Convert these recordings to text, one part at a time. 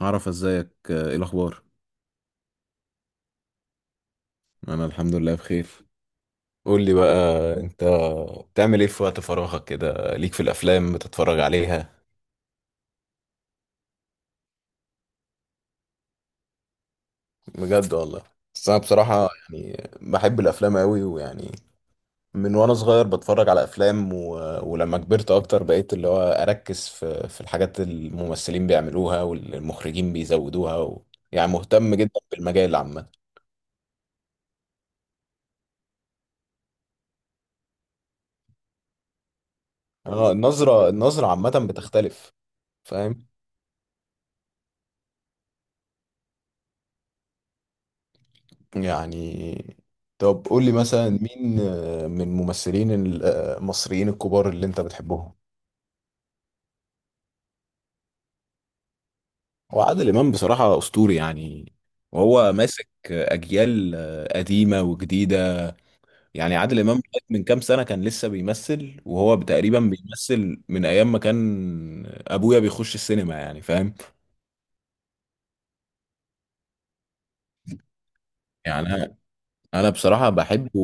عرف ازيك، ايه الاخبار؟ انا الحمد لله بخير. قول لي بقى، انت بتعمل ايه في وقت فراغك كده؟ ليك في الافلام بتتفرج عليها؟ بجد والله. بس انا بصراحة يعني بحب الافلام قوي، ويعني من وانا صغير بتفرج على افلام ولما كبرت اكتر بقيت اللي هو اركز في الحاجات الممثلين بيعملوها والمخرجين بيزودوها يعني مهتم جدا بالمجال عامة. اه، النظرة عامة بتختلف. فاهم؟ يعني طب قول لي مثلا، مين، من الممثلين المصريين الكبار اللي انت بتحبهم؟ هو عادل امام بصراحه اسطوري يعني، وهو ماسك اجيال قديمه وجديده. يعني عادل امام لغاية من كام سنه كان لسه بيمثل، وهو تقريبا بيمثل من ايام ما كان ابويا بيخش السينما، يعني فاهم. يعني أنا بصراحه بحبه.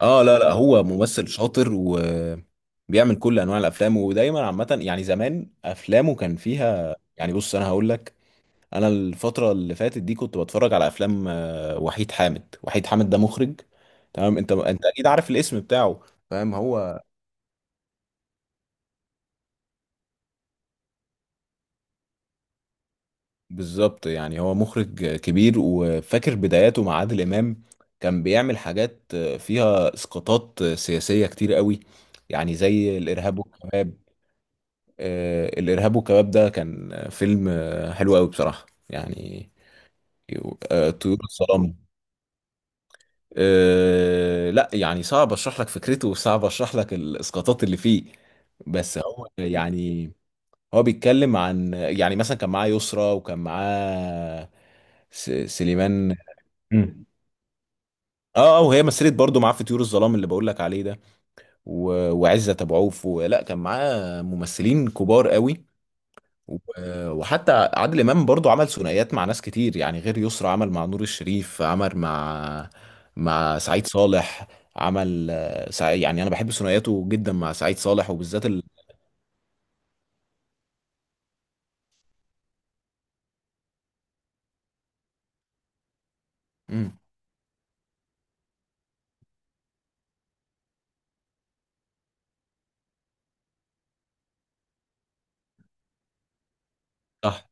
اه لا لا، هو ممثل شاطر وبيعمل كل انواع الافلام، ودايما عامه يعني زمان افلامه كان فيها، يعني بص انا هقول لك. انا الفتره اللي فاتت دي كنت بتفرج على افلام وحيد حامد. وحيد حامد ده مخرج، تمام؟ انت اكيد عارف الاسم بتاعه. فاهم؟ هو بالظبط يعني هو مخرج كبير، وفاكر بداياته مع عادل امام كان بيعمل حاجات فيها اسقاطات سياسيه كتير قوي، يعني زي الارهاب والكباب. الإرهاب والكباب ده كان فيلم حلو قوي بصراحة يعني. طيور الظلام. لا يعني صعب اشرح لك فكرته، وصعب اشرح لك الاسقاطات اللي فيه. بس هو يعني، هو بيتكلم عن، يعني مثلا كان معاه يسرا، وكان معاه سليمان. مم. اه اه، وهي مثلت برضه معاه في طيور الظلام اللي بقول لك عليه ده، وعزت ابو عوف، ولا كان معاه ممثلين كبار قوي. وحتى عادل امام برضو عمل ثنائيات مع ناس كتير، يعني غير يسرا عمل مع نور الشريف، عمل مع سعيد صالح، عمل يعني انا بحب ثنائياته جدا مع سعيد صالح، وبالذات مم. صح،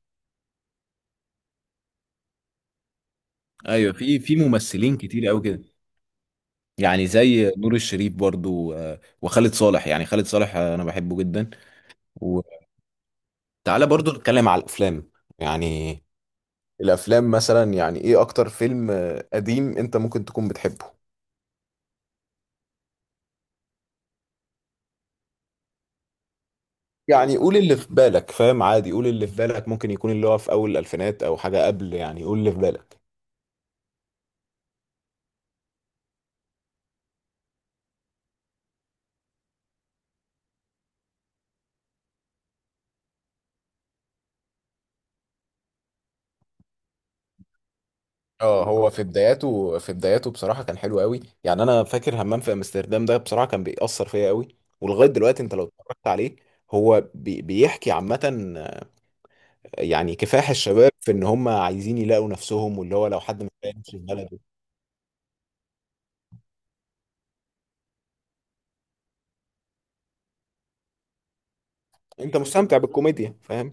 ايوه، في ممثلين كتير قوي كده، يعني زي نور الشريف برضو، وخالد صالح. يعني خالد صالح انا بحبه جدا. وتعالى برضو نتكلم على الافلام. يعني الافلام مثلا، يعني ايه اكتر فيلم قديم انت ممكن تكون بتحبه؟ يعني قول اللي في بالك، فاهم عادي، قول اللي في بالك، ممكن يكون اللي هو في اول الالفينات او حاجه قبل، يعني قول اللي في بالك. اه، هو في بداياته بصراحة كان حلو قوي. يعني انا فاكر همام في امستردام ده بصراحة كان بيأثر فيا قوي، ولغاية دلوقتي انت لو اتفرجت عليه. هو بيحكي عامة يعني كفاح الشباب في ان هم عايزين يلاقوا نفسهم، واللي هو لو حد مش لاقي نفسه في بلده. انت مستمتع بالكوميديا، فاهم.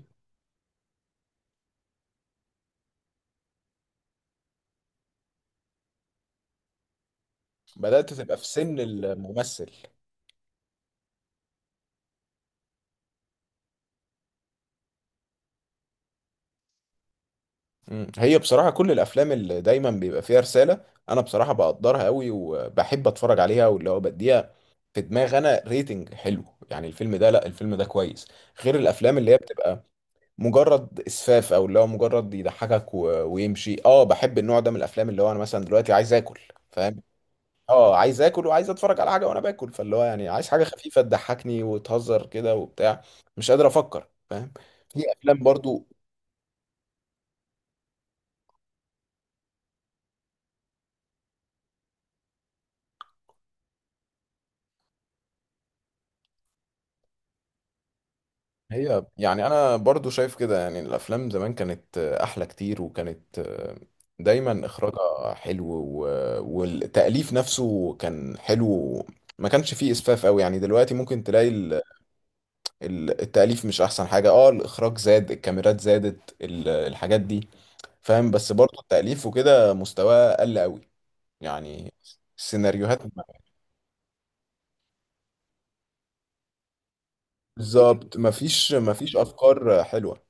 بدأت تبقى في سن الممثل. هي بصراحة كل الأفلام اللي دايما بيبقى فيها رسالة، أنا بصراحة بقدرها قوي وبحب أتفرج عليها، واللي هو بديها في دماغ أنا ريتنج حلو، يعني الفيلم ده لا، الفيلم ده كويس، غير الأفلام اللي هي بتبقى مجرد إسفاف، أو اللي هو مجرد يضحكك ويمشي. أه بحب النوع ده من الأفلام، اللي هو أنا مثلا دلوقتي عايز آكل، فاهم؟ أه عايز آكل وعايز أتفرج على حاجة وأنا باكل، فاللي هو يعني عايز حاجة خفيفة تضحكني وتهزر كده وبتاع. مش قادر أفكر، فاهم. في أفلام برضو. هي يعني انا برضو شايف كده، يعني الافلام زمان كانت احلى كتير، وكانت دايما اخراجها حلو، والتاليف نفسه كان حلو. ما كانش فيه اسفاف قوي، يعني دلوقتي ممكن تلاقي التاليف مش احسن حاجه. اه الاخراج زاد، الكاميرات زادت، الحاجات دي، فاهم. بس برضو التاليف وكده مستواه قل قوي، يعني السيناريوهات بالظبط، مفيش افكار حلوه.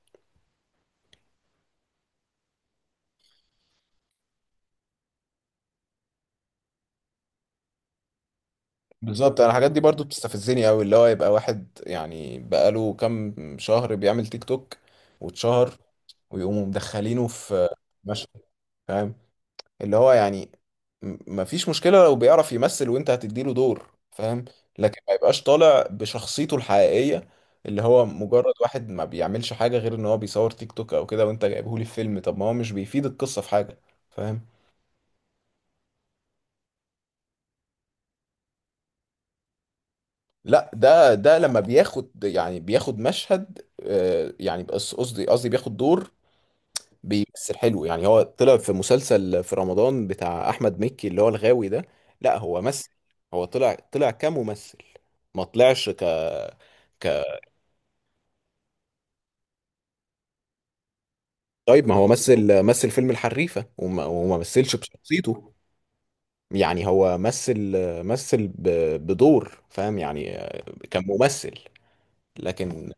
بالظبط، انا الحاجات دي برضو بتستفزني قوي، اللي هو يبقى واحد يعني بقاله كام شهر بيعمل تيك توك واتشهر، ويقوموا مدخلينه في مشهد. فاهم؟ اللي هو يعني، مفيش مشكلة لو بيعرف يمثل وانت هتديله دور، فاهم، لكن ما يبقاش طالع بشخصيته الحقيقية، اللي هو مجرد واحد ما بيعملش حاجة غير ان هو بيصور تيك توك او كده، وانت جايبهولي في فيلم؟ طب ما هو مش بيفيد القصة في حاجة، فاهم. لا ده لما بياخد يعني بياخد مشهد، يعني بس قصدي بياخد دور بيمثل حلو. يعني هو طلع في مسلسل في رمضان بتاع احمد مكي، اللي هو الغاوي ده. لا هو مثل، هو طلع كممثل، ما طلعش ك، ك طيب ما هو مثل فيلم الحريفة، وما مثلش بشخصيته. يعني هو مثل بدور، فاهم يعني. كان ممثل لكن.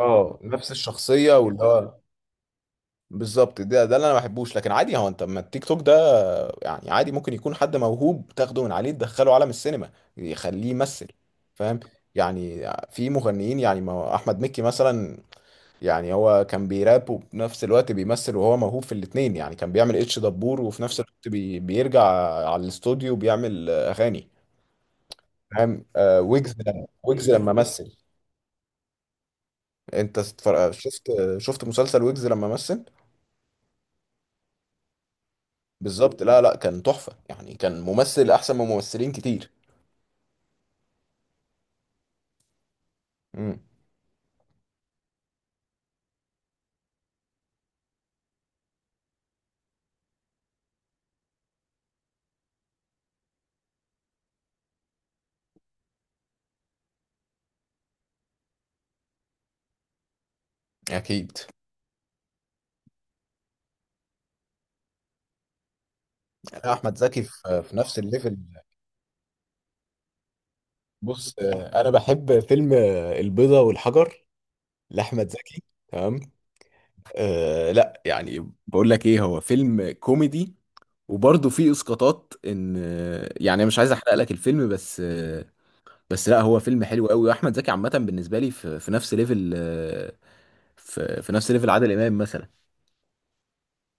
اه نفس الشخصية واللي هو بالظبط، ده ده اللي انا ما بحبوش، لكن عادي هو انت ما التيك توك ده يعني عادي، ممكن يكون حد موهوب تاخده من عليه تدخله عالم السينما، يخليه يمثل، فاهم. يعني في مغنيين، يعني ما احمد مكي مثلا، يعني هو كان بيراب وفي نفس الوقت بيمثل، وهو موهوب في الاتنين. يعني كان بيعمل اتش دبور وفي نفس الوقت بيرجع على الاستوديو بيعمل اغاني، فاهم. ويجز. ويجز لما مثل، انت شفت مسلسل ويجز لما مثل؟ بالظبط، لا لا، كان تحفة يعني، كان ممثل أحسن من ممثلين كتير. امم أكيد. أنا أحمد زكي في نفس الليفل. بص، أنا بحب فيلم البيضة والحجر لأحمد زكي، تمام. أه لا يعني بقول لك إيه، هو فيلم كوميدي، وبرضه فيه إسقاطات، إن يعني مش عايز أحرق لك الفيلم بس، بس لا هو فيلم حلو قوي. وأحمد زكي عامة بالنسبة لي في، في, نفس ليفل، في نفس ليفل عادل إمام مثلا.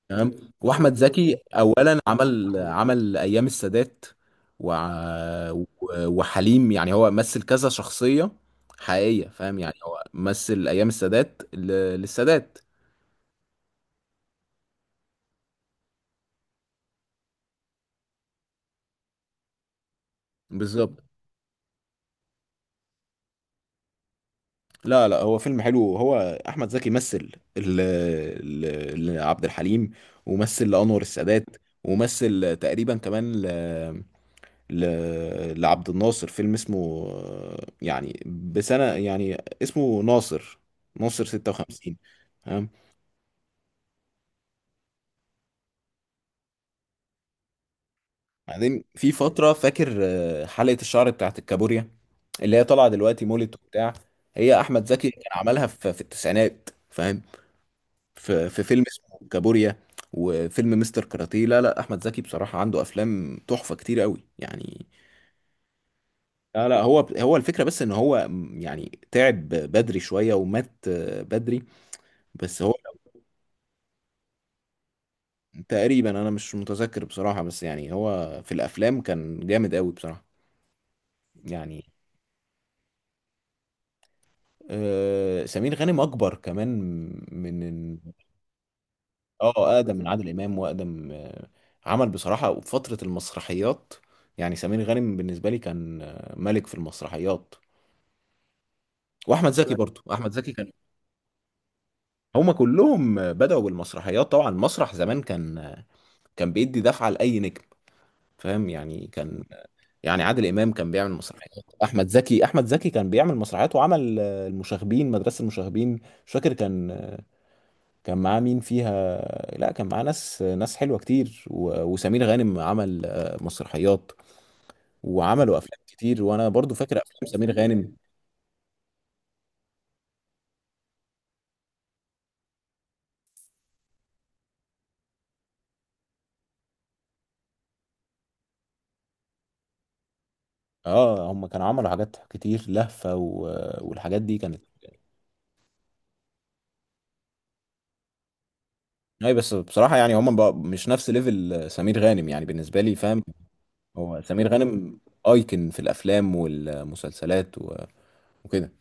تمام. واحمد زكي اولا عمل ايام السادات، وع- و- وحليم. يعني هو مثل كذا شخصيه حقيقيه، فاهم. يعني هو مثل ايام السادات للسادات. بالظبط. لا لا، هو فيلم حلو. هو احمد زكي مثل ل- لعبد الحليم، ومثل لانور السادات، ومثل تقريبا كمان ل... لعبد الناصر. فيلم اسمه يعني بسنة يعني، اسمه ناصر 56. تمام. بعدين في فترة فاكر حلقة الشعر بتاعت الكابوريا، اللي هي طالعة دلوقتي مولد وبتاع، هي أحمد زكي كان عملها في, التسعينات، فاهم. في فيلم اسمه كابوريا، وفيلم مستر كاراتيه. لا لا أحمد زكي بصراحة عنده أفلام تحفة كتير قوي يعني. لا لا هو، هو الفكرة بس إن هو يعني تعب بدري شوية ومات بدري. بس هو تقريبا انا مش متذكر بصراحة، بس يعني هو في الافلام كان جامد قوي بصراحة. يعني سمير غانم اكبر كمان، من اه اقدم من عادل امام، واقدم عمل بصراحة فترة المسرحيات. يعني سمير غانم بالنسبة لي كان ملك في المسرحيات. واحمد زكي برضو، احمد زكي كان، هما كلهم بدأوا بالمسرحيات. طبعا المسرح زمان كان، كان بيدي دفعة لأي نجم، فاهم، يعني كان، يعني عادل امام كان بيعمل مسرحيات، احمد زكي كان بيعمل مسرحيات، وعمل مدرسه المشاغبين. مش فاكر، كان معاه مين فيها. لا كان معاه ناس حلوه كتير، وسمير غانم عمل مسرحيات، وعملوا افلام كتير، وانا برضو فاكر افلام سمير غانم. اه هم كانوا عملوا حاجات كتير لهفه، والحاجات دي كانت. اي، بس بصراحه يعني هم بقى مش نفس ليفل سمير غانم يعني بالنسبه لي، فاهم. هو سمير غانم ايكن في الافلام والمسلسلات، وكده.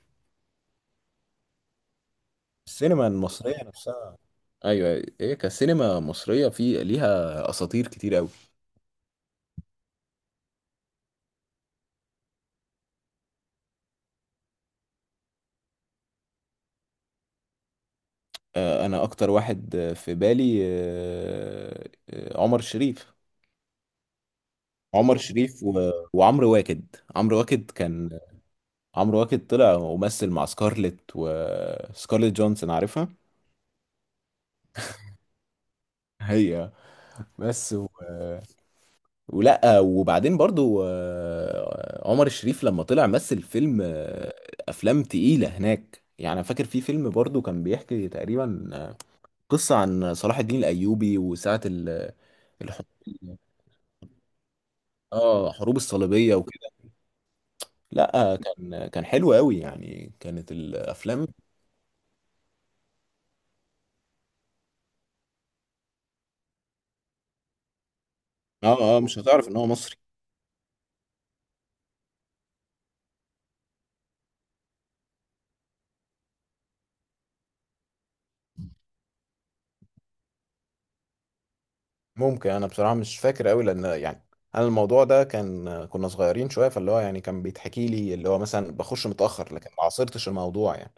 السينما المصرية نفسها. ايوه أيوة. ايه، كسينما مصرية في ليها اساطير كتير قوي. انا اكتر واحد في بالي عمر شريف، عمر شريف وعمرو واكد. عمرو واكد كان عمرو واكد طلع ومثل مع سكارلت جونسون، عارفها؟ هي. بس ولا، وبعدين برضو عمر الشريف لما طلع مثل فيلم، افلام تقيلة هناك يعني. أنا فاكر في فيلم برضو كان بيحكي تقريبا قصة عن صلاح الدين الايوبي، وساعة الحروب. اه حروب الصليبية وكده. لا كان حلو قوي يعني، كانت الافلام اه مش هتعرف ان هو مصري. ممكن، انا بصراحة مش فاكر قوي لان يعني انا الموضوع ده كان، كنا صغيرين شوية، فاللي هو يعني كان بيتحكي لي اللي هو مثلا بخش متأخر، لكن ما عاصرتش الموضوع يعني.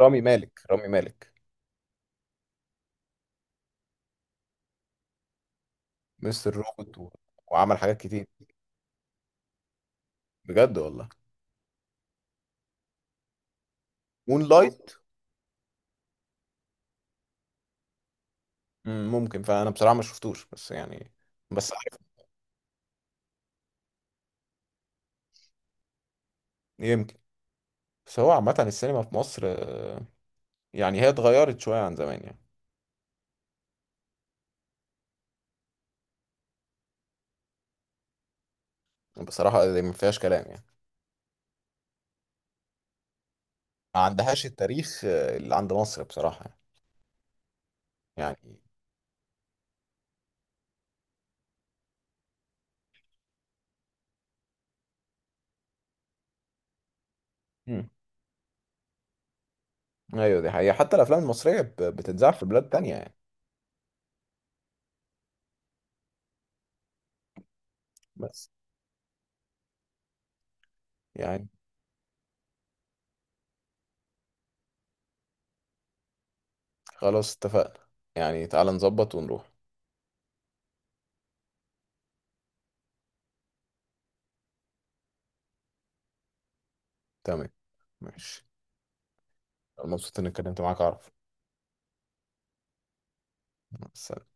رامي مالك مستر روبوت وعمل حاجات كتير. بجد والله. مون لايت. ممكن، فانا بصراحه ما شفتوش بس يعني. بس عارف، يمكن. بس هو عامه السينما في مصر، يعني هي اتغيرت شويه عن زمان يعني. بصراحه دي ما فيهاش كلام يعني، ما عندهاش التاريخ اللي عند مصر بصراحه يعني. مم. ايوه دي حقيقه، حتى الافلام المصريه بتتذاع في بلاد تانية يعني. بس يعني خلاص اتفقنا، يعني تعالى نظبط ونروح. تمام، ماشي. مبسوط اني اتكلمت معاك، اعرف. مع السلامة.